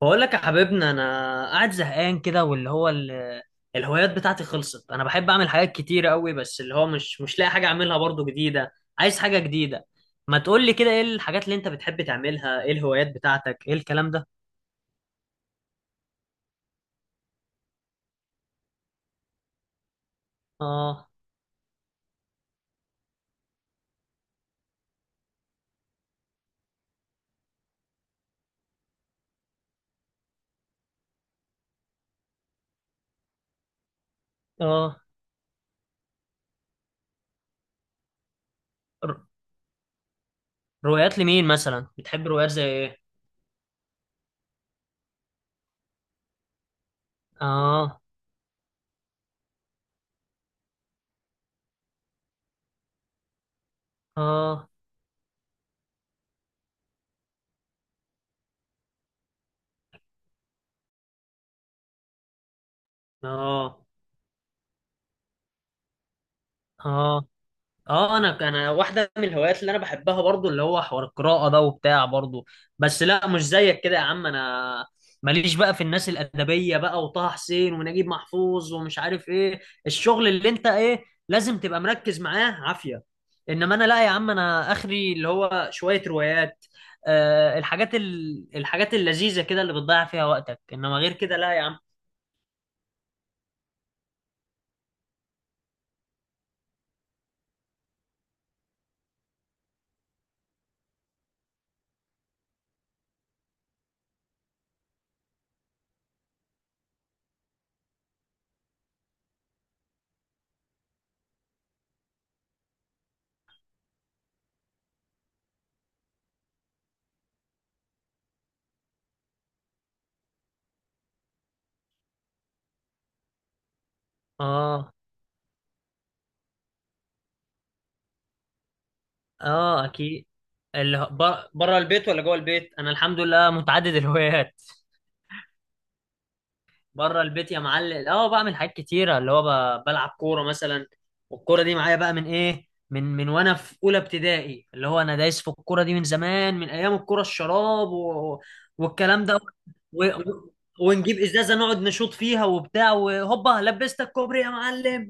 بقول لك يا حبيبنا انا قاعد زهقان كده واللي هو الهوايات بتاعتي خلصت. انا بحب اعمل حاجات كتير قوي، بس اللي هو مش لاقي حاجه اعملها برضو جديده. عايز حاجه جديده. ما تقول لي كده، ايه الحاجات اللي انت بتحب تعملها؟ ايه الهوايات بتاعتك؟ ايه الكلام ده؟ اه. اه. ر- روايات لمين مثلا؟ بتحب روايات زي ايه؟ اه. اه. اه. اه. اه. انا واحده من الهوايات اللي انا بحبها برضو اللي هو حوار القراءه ده وبتاع برضو. بس لا، مش زيك كده يا عم. انا ماليش بقى في الناس الادبيه بقى، وطه حسين ونجيب محفوظ ومش عارف ايه. الشغل اللي انت ايه، لازم تبقى مركز معاه عافيه. انما انا لا يا عم، انا اخري اللي هو شويه روايات. آه، الحاجات الحاجات اللذيذه كده اللي بتضيع فيها وقتك، انما غير كده لا يا عم. اه. اه، اكيد. اللي بره البيت ولا جوه البيت، انا الحمد لله متعدد الهوايات. بره البيت يا معلم اه بعمل حاجات كتيره، اللي هو بلعب كوره مثلا. والكوره دي معايا بقى من ايه، من وانا في اولى ابتدائي. اللي هو انا دايس في الكوره دي من زمان، من ايام الكوره الشراب والكلام ده، و... و... ونجيب ازازه نقعد نشوط فيها وبتاع، وهوبا لبستك كوبري يا معلم.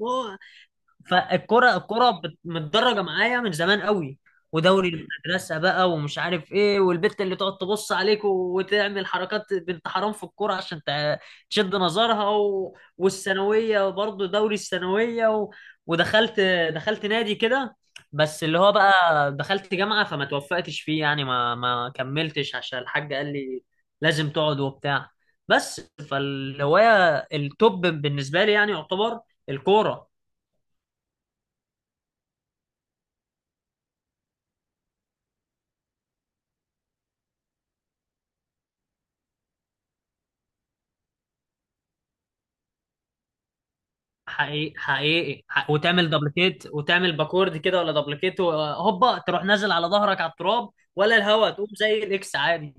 فالكرة، الكرة متدرجة معايا من زمان قوي. ودوري المدرسة بقى ومش عارف ايه، والبت اللي تقعد تبص عليك وتعمل حركات بنت حرام في الكرة عشان تشد نظرها، والثانوية برضه دوري الثانوية ودخلت، دخلت نادي كده. بس اللي هو بقى دخلت جامعة فما توفقتش فيه يعني، ما كملتش عشان الحاج قال لي لازم تقعد وبتاع. بس فالهواية التوب بالنسبة لي يعني يعتبر الكورة. حقيقي، حقيقي. وتعمل دبليكيت وتعمل باكورد كده ولا دبليكيت، هوبا تروح نازل على ظهرك على التراب، ولا الهوا تقوم زي الاكس عادي.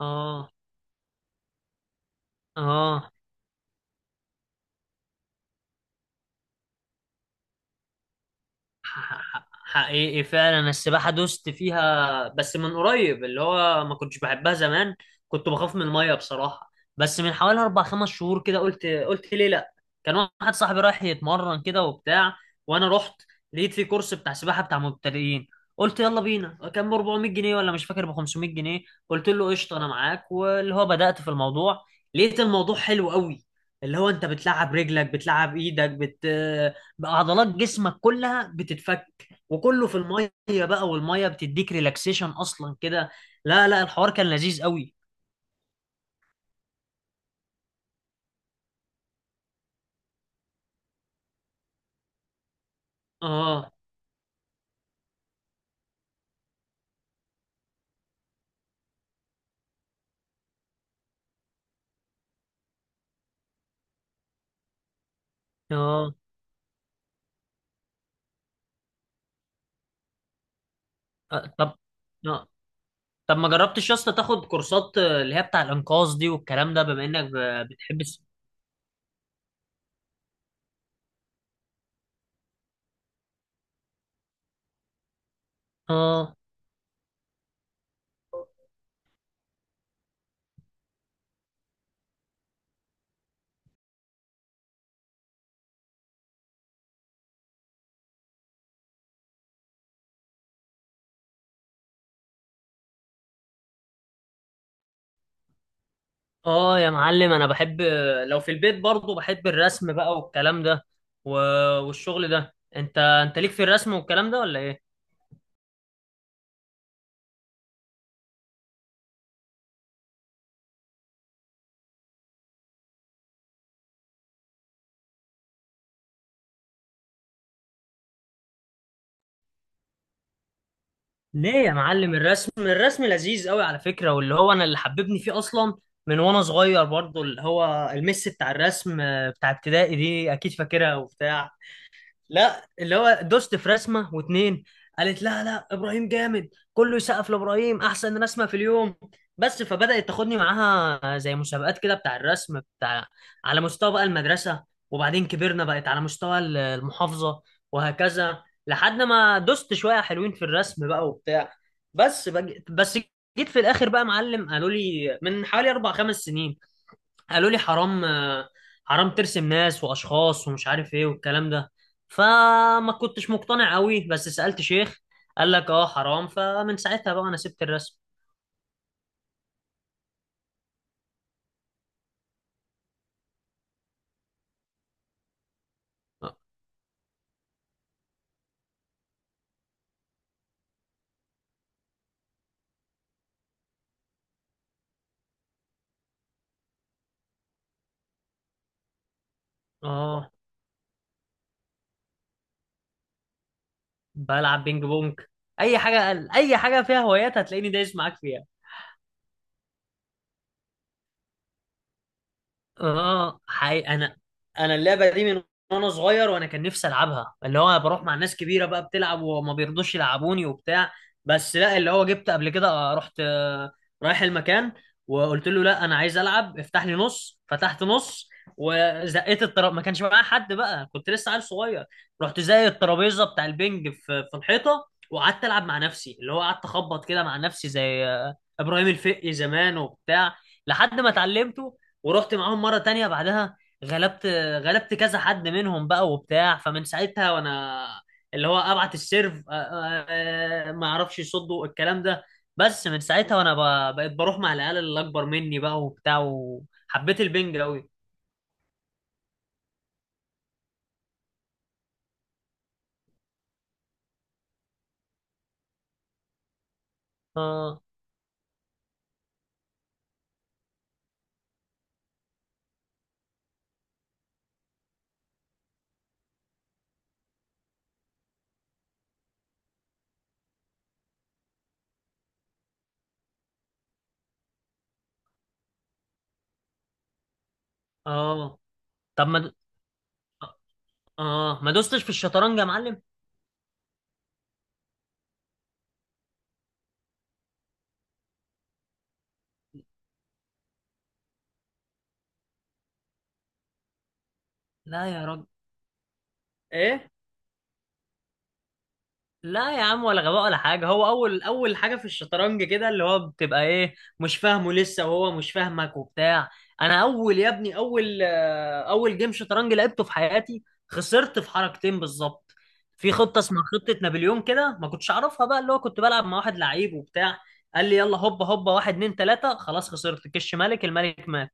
اه. اه. حقيقي فعلا السباحة دوست فيها بس من قريب. اللي هو ما كنتش بحبها زمان، كنت بخاف من المية بصراحة. بس من حوالي أربع خمس شهور كده، قلت ليه لأ. كان واحد صاحبي رايح يتمرن كده وبتاع، وأنا رحت لقيت في كورس بتاع سباحة بتاع مبتدئين. قلت يلا بينا. كان ب 400 جنيه ولا مش فاكر ب 500 جنيه. قلت له قشطة أنا معاك. واللي هو بدأت في الموضوع، لقيت الموضوع حلو قوي. اللي هو أنت بتلعب رجلك، بتلعب إيدك، بقى عضلات جسمك كلها بتتفك، وكله في الميه بقى، والميه بتديك ريلاكسيشن اصلا كده. لا لا، الحوار كان لذيذ قوي. اه. اه. آه، طب. آه. طب ما جربتش يا اسطى تاخد كورسات اللي هي بتاع الانقاذ دي والكلام ده، بما انك بتحب اه. اه يا معلم، انا بحب، لو في البيت برضو، بحب الرسم بقى والكلام ده و... والشغل ده. انت انت ليك في الرسم والكلام ده ولا ايه؟ ليه يا معلم؟ الرسم، الرسم لذيذ قوي على فكرة. واللي هو انا اللي حببني فيه اصلا من وانا صغير برضو، اللي هو المس بتاع الرسم بتاع ابتدائي دي، اكيد فاكرها وبتاع. لا اللي هو دوست في رسمه واتنين، قالت لا لا، ابراهيم جامد، كله يسقف لابراهيم، احسن رسمه في اليوم. بس فبدات تاخدني معاها زي مسابقات كده بتاع الرسم بتاع، على مستوى بقى المدرسه، وبعدين كبرنا بقت على مستوى المحافظه، وهكذا لحد ما دوست شويه حلوين في الرسم بقى وبتاع. بس جيت في الاخر بقى معلم، قالوا لي من حوالي اربع خمس سنين، قالوا لي حرام. حرام ترسم ناس واشخاص ومش عارف ايه والكلام ده. فما كنتش مقتنع قوي، بس سألت شيخ قال لك اه حرام. فمن ساعتها بقى انا سبت الرسم. اه. بلعب بينج بونج. اي حاجه، اي حاجه فيها هوايات هتلاقيني دايس معاك فيها. اه حقيقي، انا انا اللعبه دي من وانا صغير، وانا كان نفسي العبها. اللي هو انا بروح مع ناس كبيره بقى بتلعب وما بيرضوش يلعبوني وبتاع. بس لا، اللي هو جبت قبل كده، رحت، رايح المكان، وقلت له لا انا عايز العب افتح لي نص. فتحت نص، وزقيت الترابيزه، ما كانش معايا حد بقى، كنت لسه عيل صغير. رحت زي الترابيزه بتاع البنج في الحيطه، وقعدت العب مع نفسي. اللي هو قعدت اخبط كده مع نفسي زي ابراهيم الفقي زمان وبتاع لحد ما اتعلمت. ورحت معاهم مرة تانية بعدها، غلبت، غلبت كذا حد منهم بقى وبتاع. فمن ساعتها وانا اللي هو ابعت السيرف، ما اعرفش يصدوا الكلام ده. بس من ساعتها وانا بقيت بروح مع العيال اللي اكبر مني بقى وبتاع، وحبيت البنج قوي. اه. اه، طب ما د- اه. آه، ما دوستش في الشطرنج يا معلم؟ لا يا راجل. ايه؟ لا يا عم، ولا غباء ولا حاجة. هو أول حاجة في الشطرنج كده اللي هو بتبقى إيه، مش فاهمه لسه، وهو مش فاهمك وبتاع. أنا أول يا ابني، أول جيم شطرنج لعبته في حياتي، خسرت في حركتين بالظبط. في خطة اسمها خطة نابليون كده ما كنتش أعرفها بقى. اللي هو كنت بلعب مع واحد لعيب وبتاع، قال لي يلا هوبا هوبا، واحد اتنين تلاتة، خلاص خسرت، كش ملك، الملك مات.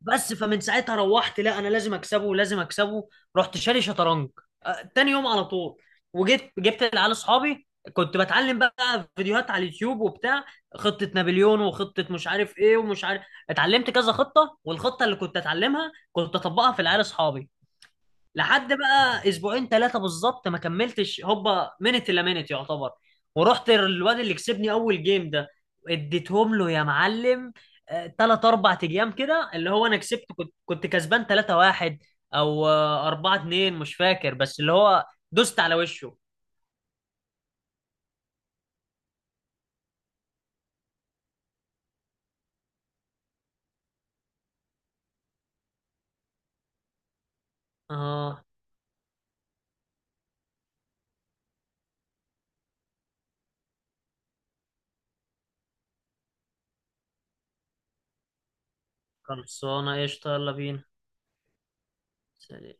بس فمن ساعتها روحت، لا انا لازم اكسبه، لازم اكسبه. رحت شاري شطرنج تاني يوم على طول، وجيت جبت العيال اصحابي. كنت بتعلم بقى فيديوهات على اليوتيوب وبتاع، خطة نابليون وخطة مش عارف ايه ومش عارف. اتعلمت كذا خطة، والخطة اللي كنت اتعلمها كنت اطبقها في العيال اصحابي. لحد بقى اسبوعين ثلاثه بالظبط، ما كملتش هوبا منت الا منت يعتبر. ورحت الواد اللي كسبني اول جيم ده، اديتهم له يا معلم. ثلاث اربع ايام كده اللي هو انا كسبت، كنت كسبان 3-1 او 4-2 مش فاكر، بس اللي هو دوست على وشه. اه، خلصانه قشطه، يلا بينا. سلام.